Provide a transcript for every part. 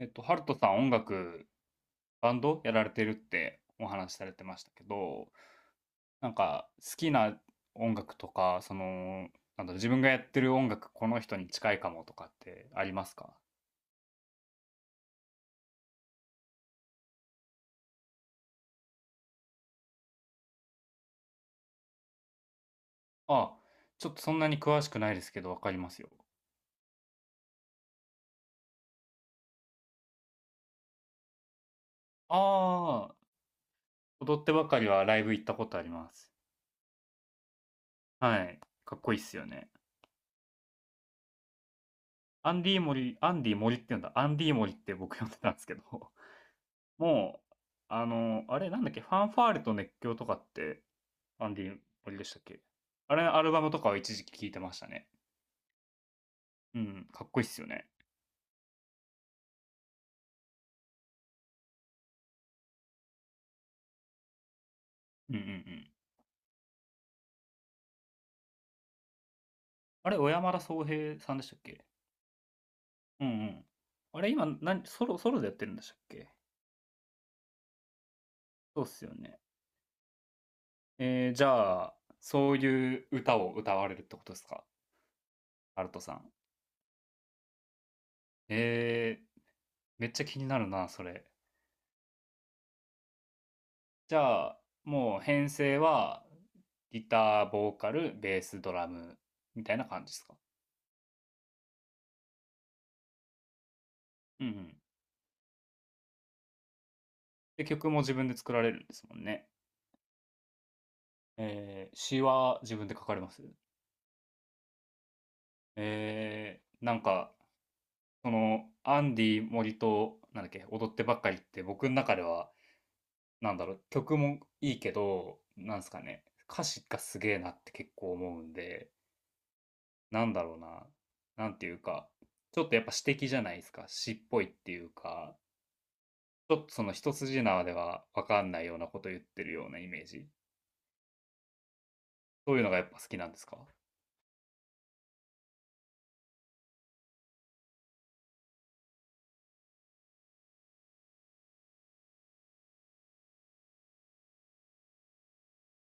ハルトさん音楽、バンドやられてるってお話しされてましたけど、なんか好きな音楽とか、自分がやってる音楽、この人に近いかもとかってありますか？あ、ちょっとそんなに詳しくないですけど、わかりますよ。ああ、踊ってばかりはライブ行ったことあります。はい。かっこいいっすよね。アンディモリ、アンディモリって言うんだ。アンディモリって僕呼んでたんですけど、もう、あれなんだっけ、ファンファーレと熱狂とかって、アンディ森でしたっけ？あれ、アルバムとかは一時期聴いてましたね。うん、かっこいいっすよね。うんうんうん。あれ、小山田宗平さんでしたっけ？うんうん。あれ、今、何、ソロでやってるんでしたっけ？そうっすよね。えー、じゃあ、そういう歌を歌われるってことですか？アルトさん。えー、めっちゃ気になるな、それ。じゃあ、もう編成は、ギター、ボーカル、ベース、ドラム、みたいな感じですか？うんうん。で、曲も自分で作られるんですもんね。えー、詩は自分で書かれます？なんか、アンディ森と、なんだっけ、踊ってばっかりって僕の中では、曲もいいけど、なんすかね、歌詞がすげえなって結構思うんで、なんだろうな、なんていうか、ちょっとやっぱ詩的じゃないですか、詩っぽいっていうか、ちょっとその一筋縄ではわかんないようなこと言ってるようなイメージ。そういうのがやっぱ好きなんですか？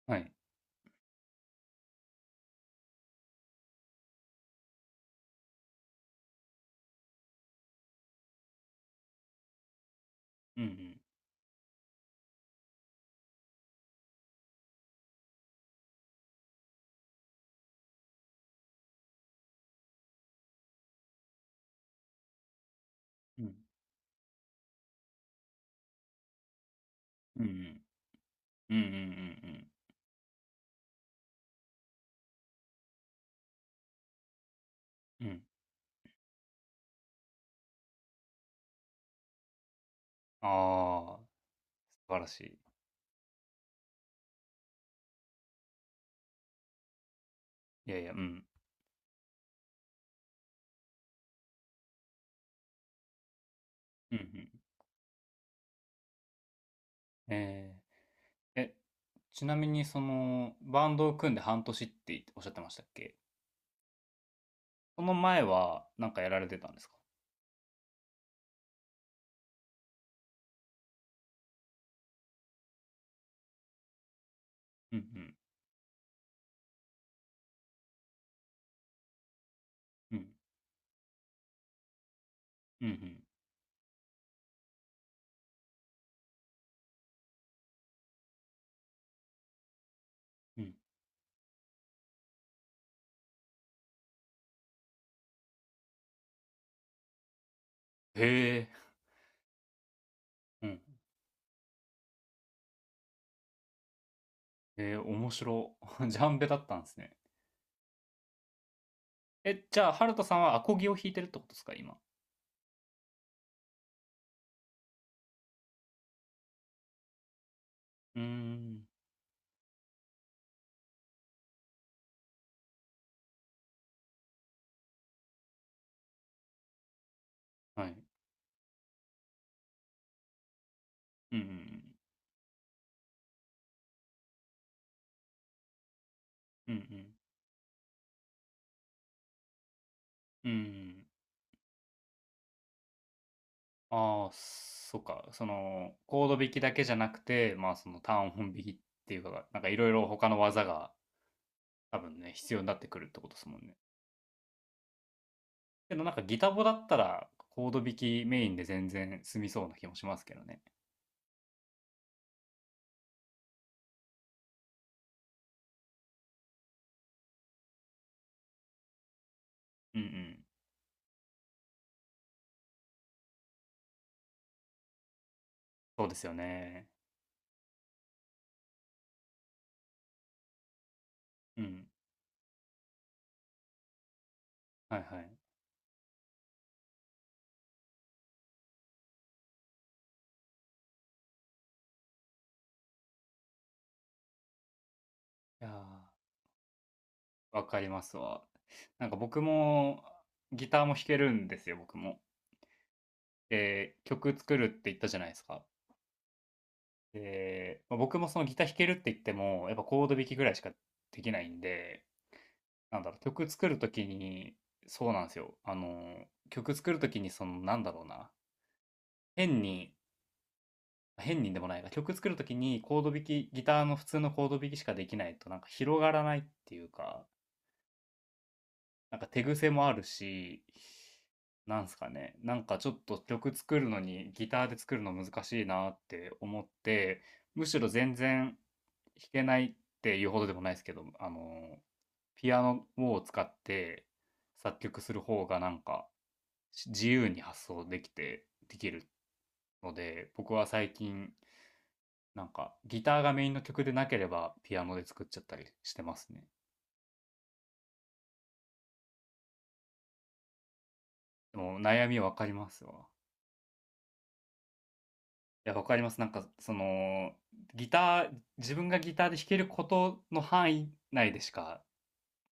はい。うんうん。うんうんうん。うんうんうんうん。うんうん、ああ、素晴らしい。いやいや、うん。うんうん。えー、え、ちなみにその、バンドを組んで半年っておっしゃってましたっけ？その前はなんかやられてたんですか？うんうん。うん。うんうん。うん。へえ。うん。えー、面白。ジャンベだったんですね。え、じゃあ、ハルトさんはアコギを弾いてるってことですか今？うーん。はい。うんうんうん。うんうん。うん、ああ、そっか。その、コード弾きだけじゃなくて、まあその単音弾きっていうか、なんかいろいろ他の技が多分ね、必要になってくるってことですもんね。けどなんかギタボだったら、コード弾きメインで全然済みそうな気もしますけどね。うんうん。そうですよね。うん。はいはい。いやー、わかりますわ。なんか僕も、ギターも弾けるんですよ、僕も。で、曲作るって言ったじゃないですか。で、まあ、僕もそのギター弾けるって言っても、やっぱコード弾きぐらいしかできないんで、なんだろう、曲作るときに、そうなんですよ。曲作るときに、なんだろうな、変に、変にでもないな、曲作るときにコード弾き、ギターの普通のコード弾きしかできないと、なんか広がらないっていうか、なんか手癖もあるし、なんすかね、なんかちょっと曲作るのに、ギターで作るの難しいなって思って、むしろ全然弾けないっていうほどでもないですけど、ピアノを使って作曲する方がなんか自由に発想できて、できるので、僕は最近なんかギターがメインの曲でなければピアノで作っちゃったりしてますね。でも悩みわかりますわ。いや、わかります。なんかその、ギター、自分がギターで弾けることの範囲内でしか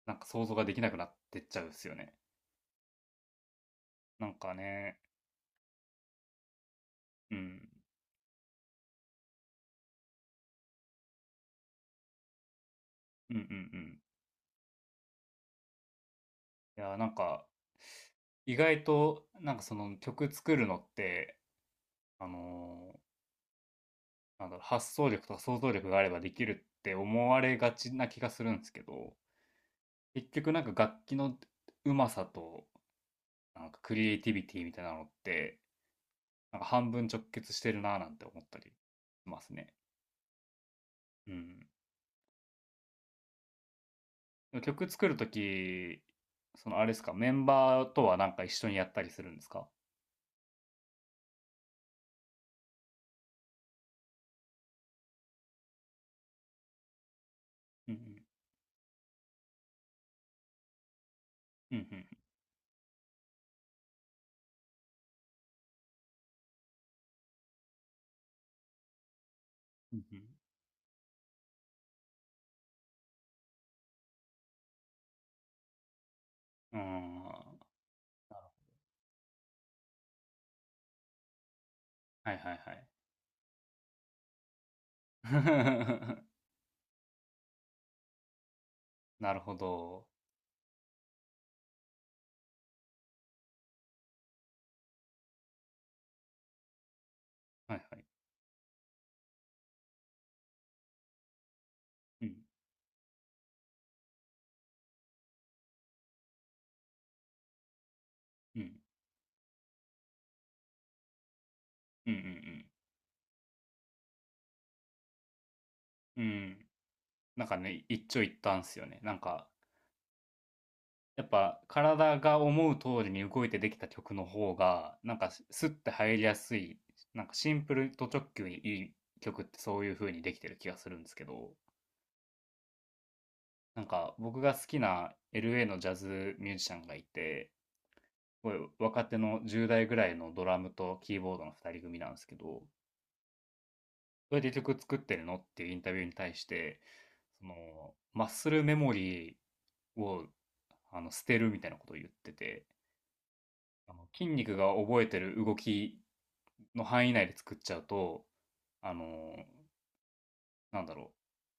なんか想像ができなくなってっちゃうっすよね。なんかね、うん、うんうんうん。いやー、なんか、意外と、なんかその曲作るのって、あのーなんだろう、発想力とか想像力があればできるって思われがちな気がするんですけど、結局なんか楽器のうまさと、なんかクリエイティビティみたいなのって、なんか半分直結してるなーなんて思ったりしますね。うん。でも曲作るとき、そのあれですか、メンバーとはなんか一緒にやったりするんですか？うんうん。うんうん。うんうん。ん。はいはいはい。なるほど。はいはい。うん。うん。うんうんうん。うん。なんかね、一長一短っすよね。なんか、やっぱ体が思う通りに動いてできた曲の方が、なんかスッて入りやすい、なんかシンプルと直球にいい曲ってそういう風にできてる気がするんですけど、なんか僕が好きな LA のジャズミュージシャンがいて、すごい若手の10代ぐらいのドラムとキーボードの2人組なんですけど、どうやって曲作ってるのっていうインタビューに対して、その、マッスルメモリーを捨てるみたいなことを言ってて、あの筋肉が覚えてる動きの範囲内で作っちゃうと、あの、なんだろ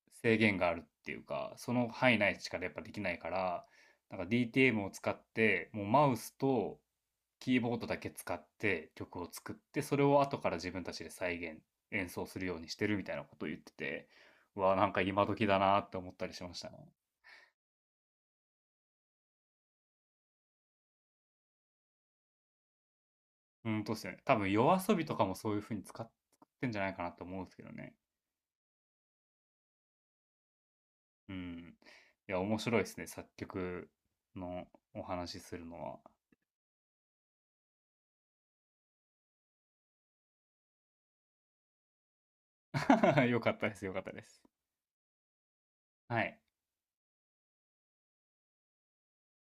制限があるっていうか、その範囲内しかやっぱできないから、なんか DTM を使って、もうマウスとキーボードだけ使って曲を作って、それを後から自分たちで再現、演奏するようにしてるみたいなことを言ってて、うわ、なんか今時だなって思ったりしましたね。うん、とですね。多分夜遊びとかもそういう風に使ってんじゃないかなと思うんですけどね。うん。いや、面白いですね。作曲のお話しするのは。よかったです。よかったです。はい。